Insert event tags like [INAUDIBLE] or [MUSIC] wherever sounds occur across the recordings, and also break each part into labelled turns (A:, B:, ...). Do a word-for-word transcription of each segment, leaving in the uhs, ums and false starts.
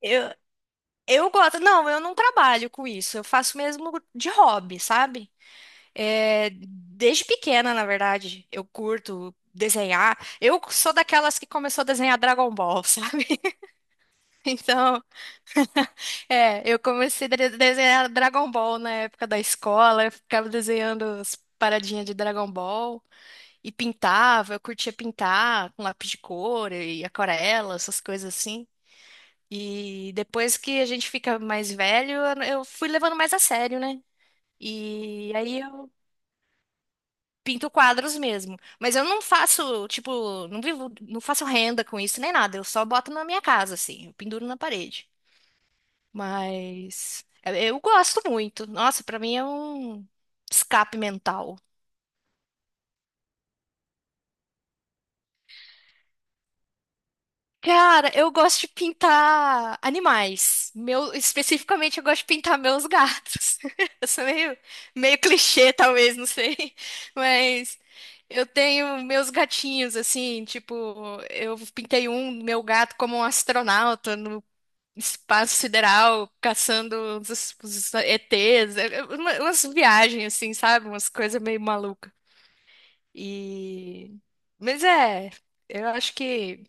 A: Eu, eu gosto. Não, eu não trabalho com isso. Eu faço mesmo de hobby, sabe? É, desde pequena, na verdade, eu curto desenhar. Eu sou daquelas que começou a desenhar Dragon Ball, sabe? [LAUGHS] Então, é, eu comecei a de- desenhar Dragon Ball na época da escola. Eu ficava desenhando as paradinhas de Dragon Ball e pintava. Eu curtia pintar com lápis de cor e aquarela, essas coisas assim. E depois que a gente fica mais velho, eu fui levando mais a sério, né? E aí eu pinto quadros mesmo. Mas eu não faço, tipo, não vivo, não faço renda com isso nem nada. Eu só boto na minha casa, assim, eu penduro na parede. Mas eu eu gosto muito. Nossa, pra mim é um escape mental. Cara, eu gosto de pintar animais. Meu, especificamente, eu gosto de pintar meus gatos. [LAUGHS] Eu sou meio, meio clichê, talvez, não sei. [LAUGHS] Mas eu tenho meus gatinhos, assim, tipo, eu pintei um, meu gato, como um astronauta no espaço sideral, caçando os, os ê tês. É, é, uma- Umas viagens, assim, sabe? Umas coisas meio malucas. E... Mas é, eu acho que.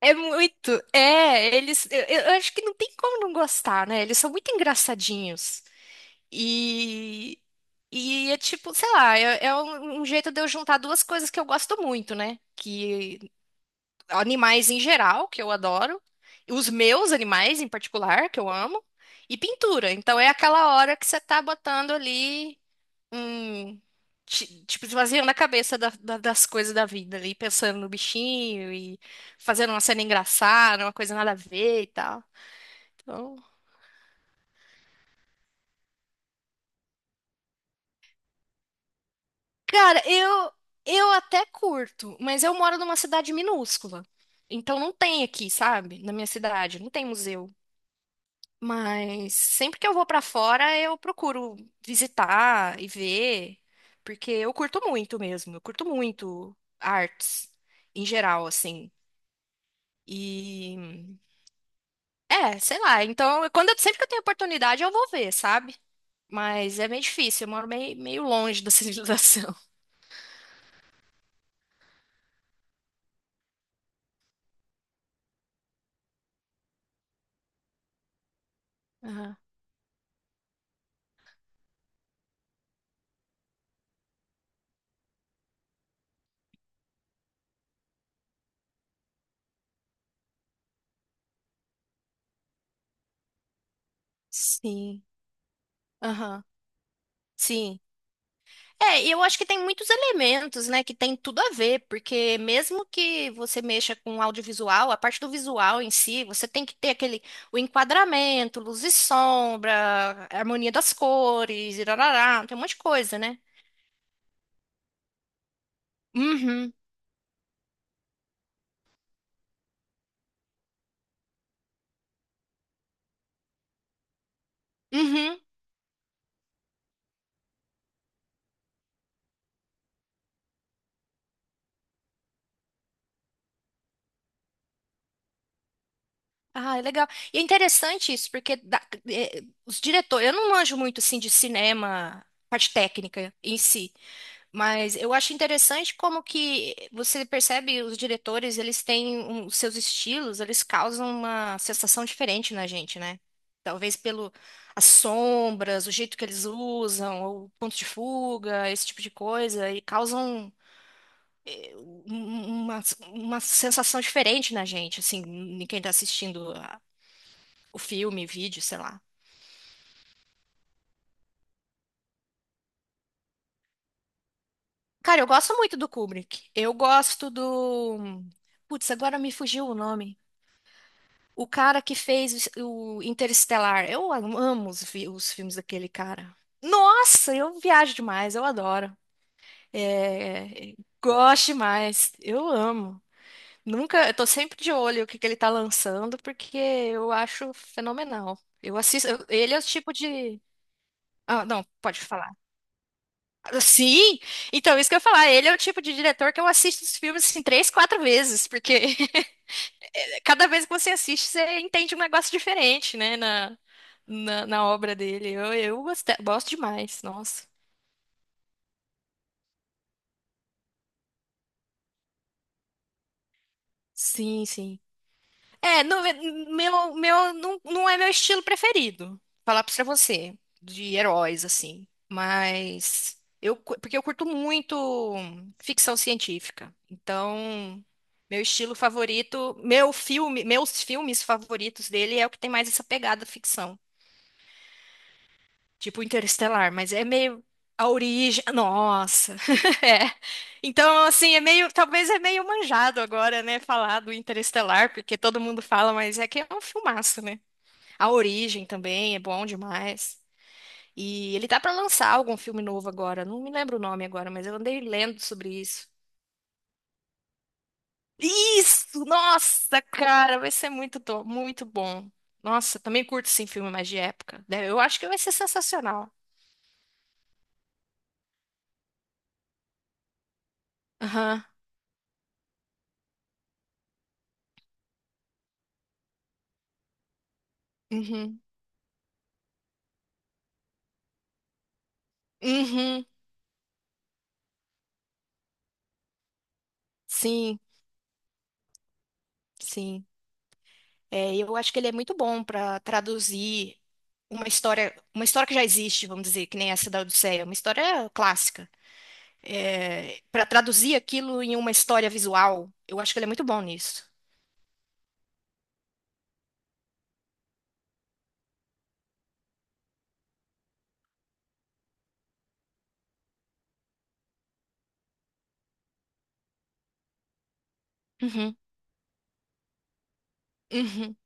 A: É muito. É, eles. Eu, eu acho que não tem como não gostar, né? Eles são muito engraçadinhos. E. E é tipo, sei lá, é, é um, um jeito de eu juntar duas coisas que eu gosto muito, né? Que animais em geral, que eu adoro, os meus animais em particular, que eu amo, e pintura. Então é aquela hora que você tá botando ali um- ti- tipo, esvaziando a cabeça da- da- das coisas da vida ali, pensando no bichinho e fazendo uma cena engraçada, uma coisa nada a ver e tal. Então, cara, eu eu até curto, mas eu moro numa cidade minúscula. Então não tem aqui, sabe? Na minha cidade, não tem museu. Mas sempre que eu vou pra fora, eu procuro visitar e ver, porque eu curto muito mesmo, eu curto muito artes em geral, assim. E É, sei lá. Então, eu- quando eu- sempre que eu tenho oportunidade, eu vou ver, sabe? Mas é meio difícil. Eu moro meio, meio longe da civilização. [LAUGHS] Aham. Sim. Aham. Sim. É, e eu acho que tem muitos elementos, né, que tem tudo a ver, porque mesmo que você mexa com audiovisual, a parte do visual em si, você tem que ter aquele, o enquadramento, luz e sombra, harmonia das cores, irarará, tem um monte de coisa, né? Uhum. Uhum. Ah, é legal. E é interessante isso, porque dá- eh, os diretores, eu não manjo muito assim de cinema, parte técnica em si, mas eu acho interessante como que você percebe os diretores, eles têm um- os seus estilos, eles causam uma sensação diferente na gente, né? Talvez pelo as sombras, o jeito que eles usam, ou o ponto de fuga, esse tipo de coisa, e causam eh, um- um, uma, uma sensação diferente na gente, assim, em quem está assistindo o filme, vídeo, sei lá. Cara, eu gosto muito do Kubrick. Eu gosto do. Putz, agora me fugiu o nome. O cara que fez o o Interestelar. Eu amo os, fi- os filmes daquele cara. Nossa, eu viajo demais, eu adoro. É, gosto demais, eu amo. Nunca, eu tô sempre de olho o que que ele tá lançando, porque eu acho fenomenal. Eu assisto, eu- ele é o tipo de. Ah, não, pode falar. Sim, então isso que eu ia falar, ele é o tipo de diretor que eu assisto os filmes assim três, quatro vezes, porque [LAUGHS] cada vez que você assiste, você entende um negócio diferente, né, na, na, na obra dele. Eu, eu gosto, gosto demais, nossa. Sim, sim. É, não, é- meu, meu, não, não é meu estilo preferido, falar pra você, de heróis, assim. Mas eu, cu- porque eu curto muito ficção científica. Então, meu estilo favorito, meu filme, meus filmes favoritos dele é o que tem mais essa pegada ficção. Tipo Interestelar, mas é meio a origem. Nossa, [LAUGHS] é. Então, assim, é meio, talvez é meio manjado agora, né, falar do Interestelar, porque todo mundo fala, mas é que é um filmaço, né? A origem também é bom demais. E ele tá pra lançar algum filme novo agora, não me lembro o nome agora, mas eu andei lendo sobre isso. Isso! Nossa, cara, vai ser muito, to- muito bom. Nossa, também curto sim filme mais de época. Né? Eu acho que vai ser sensacional. Aham. Uhum. Uhum. Sim, sim. É, eu acho que ele é muito bom para traduzir uma história, uma história que já existe, vamos dizer, que nem essa da Odisseia, uma história clássica. É, para traduzir aquilo em uma história visual, eu acho que ele é muito bom nisso. Uhum, uhum.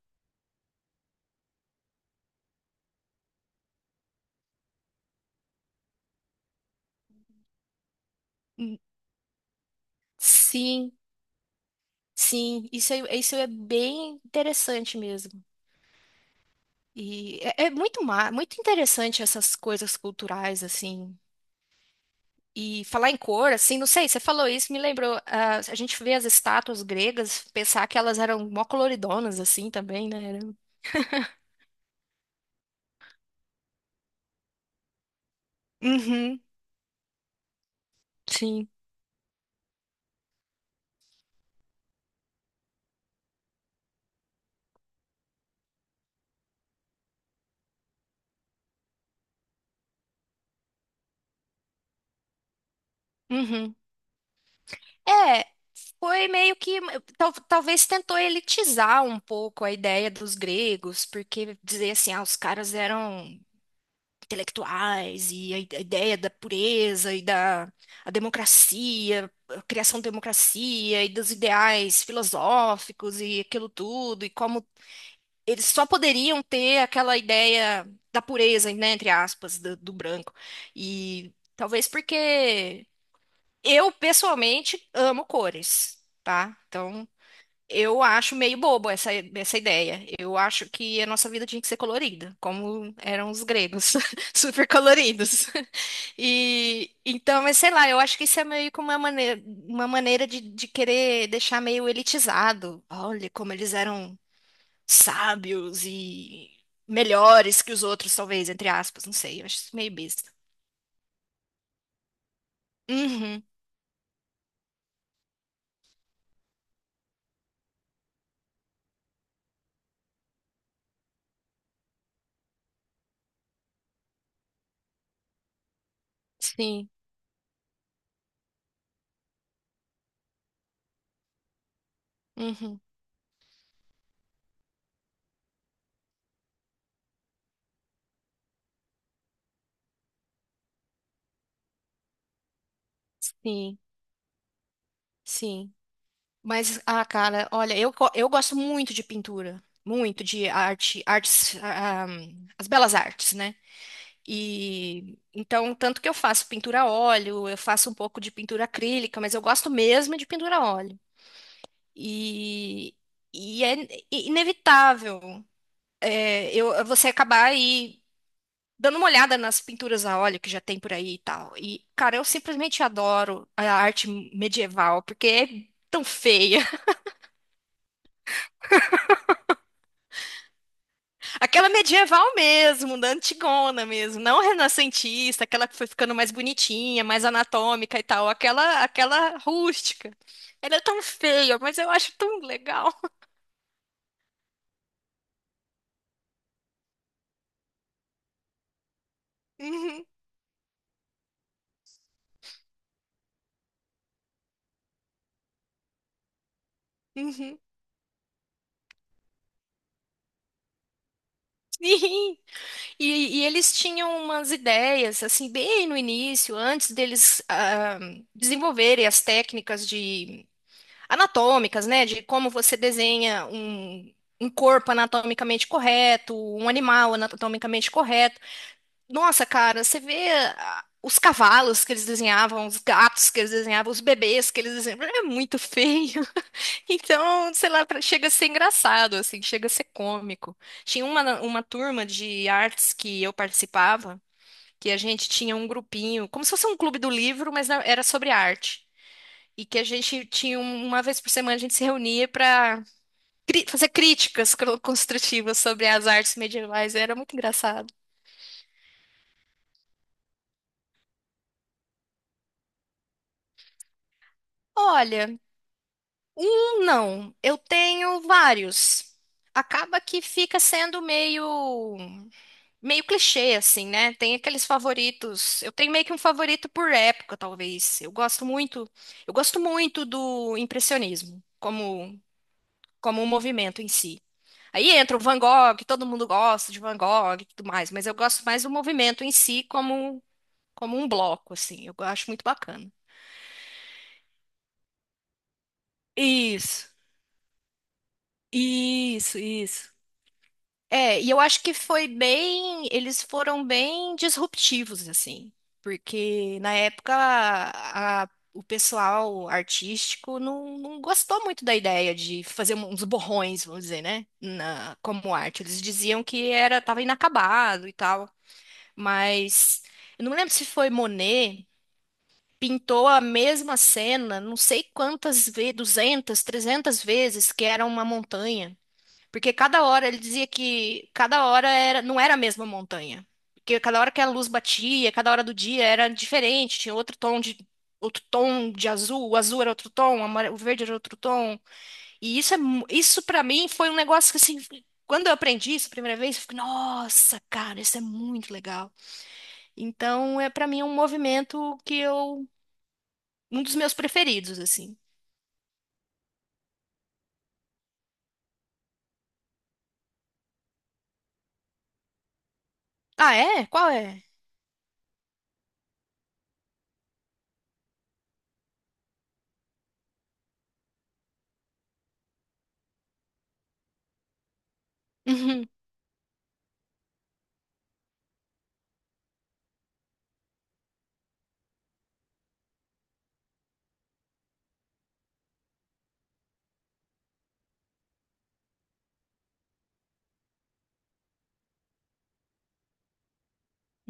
A: Hum, Sim, sim. Isso é, isso é bem interessante mesmo. E é, é muito, ma- muito interessante essas coisas culturais, assim. E falar em cor, assim, não sei, você falou isso, me lembrou. Ah, a gente vê as estátuas gregas, pensar que elas eram mó coloridonas, assim, também, né? Era- Uhum, sim. Uhum. É, foi meio que. tal- talvez tentou elitizar um pouco a ideia dos gregos, porque dizer assim, ah, os caras eram intelectuais, e a i- a ideia da pureza e da a democracia, a criação da democracia e dos ideais filosóficos e aquilo tudo, e como eles só poderiam ter aquela ideia da pureza, né, entre aspas, do, do branco. E talvez porque eu, pessoalmente, amo cores, tá? Então, eu acho meio bobo essa, essa ideia. Eu acho que a nossa vida tinha que ser colorida, como eram os gregos, [LAUGHS] super coloridos. E então, mas sei lá, eu acho que isso é meio como uma maneira, uma maneira de, de querer deixar meio elitizado. Olha como eles eram sábios e melhores que os outros, talvez, entre aspas, não sei, eu acho isso meio besta. Uhum, sim, uhum, sim, sim. Mas, ah, cara, olha, eu, go- eu gosto muito de pintura, muito de arte, artes, ah, ahm, as belas artes, né? E então, tanto que eu faço pintura a óleo, eu faço um pouco de pintura acrílica, mas eu gosto mesmo de pintura a óleo. E, e é inevitável é, eu, você acabar aí dando uma olhada nas pinturas a óleo que já tem por aí e tal. E, cara, eu simplesmente adoro a arte medieval, porque é tão feia. [LAUGHS] Aquela medieval mesmo, da antigona mesmo, não renascentista, aquela que foi ficando mais bonitinha, mais anatômica e tal, aquela aquela rústica. Ela é tão feia, mas eu acho tão legal. [LAUGHS] Uhum, uhum. Sim. E, e eles tinham umas ideias, assim, bem no início, antes deles ah, desenvolverem as técnicas de anatômicas, né? De como você desenha um, um corpo anatomicamente correto, um animal anatomicamente correto. Nossa, cara, você vê ah, os cavalos que eles desenhavam, os gatos que eles desenhavam, os bebês que eles desenhavam. [LAUGHS] É muito feio. [LAUGHS] Então, sei lá, pra- chega a ser engraçado, assim, chega a ser cômico. Tinha uma, uma turma de artes que eu participava. Que a gente tinha um grupinho, como se fosse um clube do livro, mas na- era sobre arte. E que a gente tinha um- uma vez por semana a gente se reunia para fazer críticas cro- construtivas sobre as artes medievais. Era muito engraçado. Olha, um não, eu tenho vários. Acaba que fica sendo meio meio clichê assim, né? Tem aqueles favoritos. Eu tenho meio que um favorito por época, talvez. Eu gosto muito, eu gosto muito do impressionismo como como um movimento em si. Aí entra o Van Gogh, todo mundo gosta de Van Gogh e tudo mais, mas eu gosto mais do movimento em si como, como um bloco, assim, eu acho muito bacana. Isso, isso, isso. É, e eu acho que foi bem, eles foram bem disruptivos, assim, porque na época a- o pessoal artístico não, não gostou muito da ideia de fazer um, uns borrões, vamos dizer, né, na- como arte. Eles diziam que era, tava inacabado e tal. Mas eu não lembro se foi Monet, pintou a mesma cena, não sei quantas vezes, duzentas trezentas vezes, que era uma montanha. Porque cada hora ele dizia que cada hora era, não era a mesma montanha. Porque cada hora que a luz batia, cada hora do dia era diferente, tinha outro tom de outro tom de azul, o azul era outro tom, o amare- o verde era outro tom. E isso é, mu- isso para mim foi um negócio que assim, quando eu aprendi isso a primeira vez, eu fiquei, nossa, cara, isso é muito legal. Então, é para mim é um movimento que eu um dos meus preferidos assim. Ah, é? Qual é? Uhum. [LAUGHS]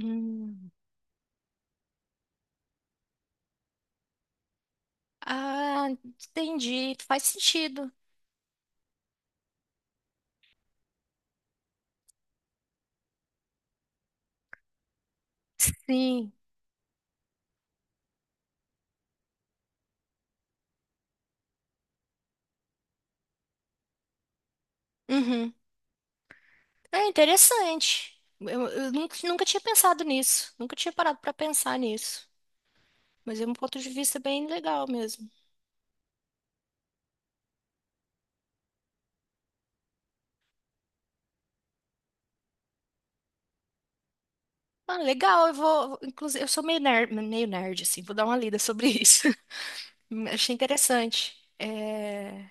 A: Hum. Ah, entendi. Faz sentido. Sim. Uhum. É interessante. Eu, eu nunca, nunca tinha pensado nisso. Nunca tinha parado para pensar nisso. Mas é um ponto de vista bem legal mesmo. Ah, legal. Eu vou, vou- inclusive, eu sou meio nerd, meio nerd assim. Vou dar uma lida sobre isso. [LAUGHS] Achei interessante. É,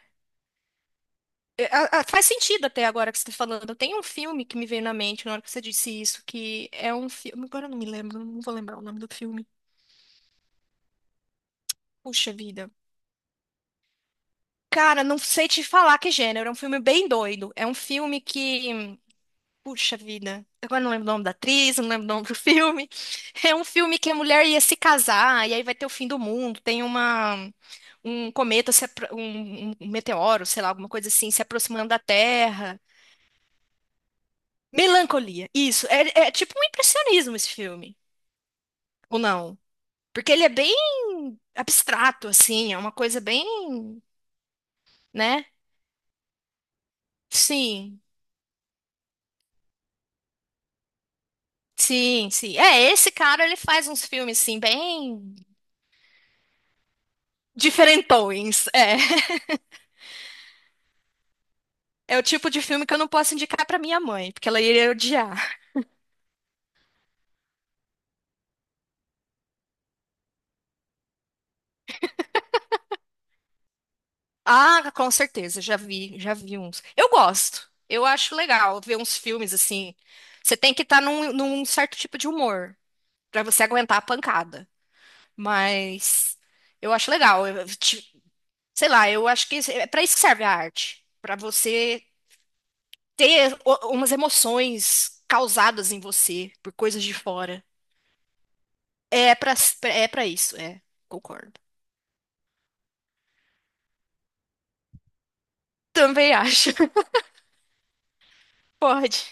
A: É, a- a- Faz sentido até agora que você está falando. Tem um filme que me veio na mente na hora que você disse isso, que é um filme. Agora eu não me lembro, não vou lembrar o nome do filme. Puxa vida. Cara, não sei te falar que gênero. É um filme bem doido. É um filme que. Puxa vida. Agora eu não lembro o nome da atriz, não lembro o nome do filme. É um filme que a mulher ia se casar e aí vai ter o fim do mundo. Tem uma um cometa, se apro- um, um um meteoro, sei lá, alguma coisa assim, se aproximando da Terra. Melancolia. Isso. É, é tipo um impressionismo esse filme. Ou não? Porque ele é bem abstrato, assim, é uma coisa bem, né? Sim, sim, sim. É, esse cara, ele faz uns filmes, assim, bem diferentões. É, [LAUGHS] é o tipo de filme que eu não posso indicar pra minha mãe, porque ela iria odiar. Ah, com certeza, já vi, já vi uns. Eu gosto, eu acho legal ver uns filmes, assim. Você tem que estar num, num certo tipo de humor pra você aguentar a pancada. Mas eu acho legal. Eu- Sei lá, eu acho que é para isso que serve a arte, para você ter o- umas emoções causadas em você por coisas de fora. É para é para isso, é. Concordo. Também acho. [LAUGHS] Pode.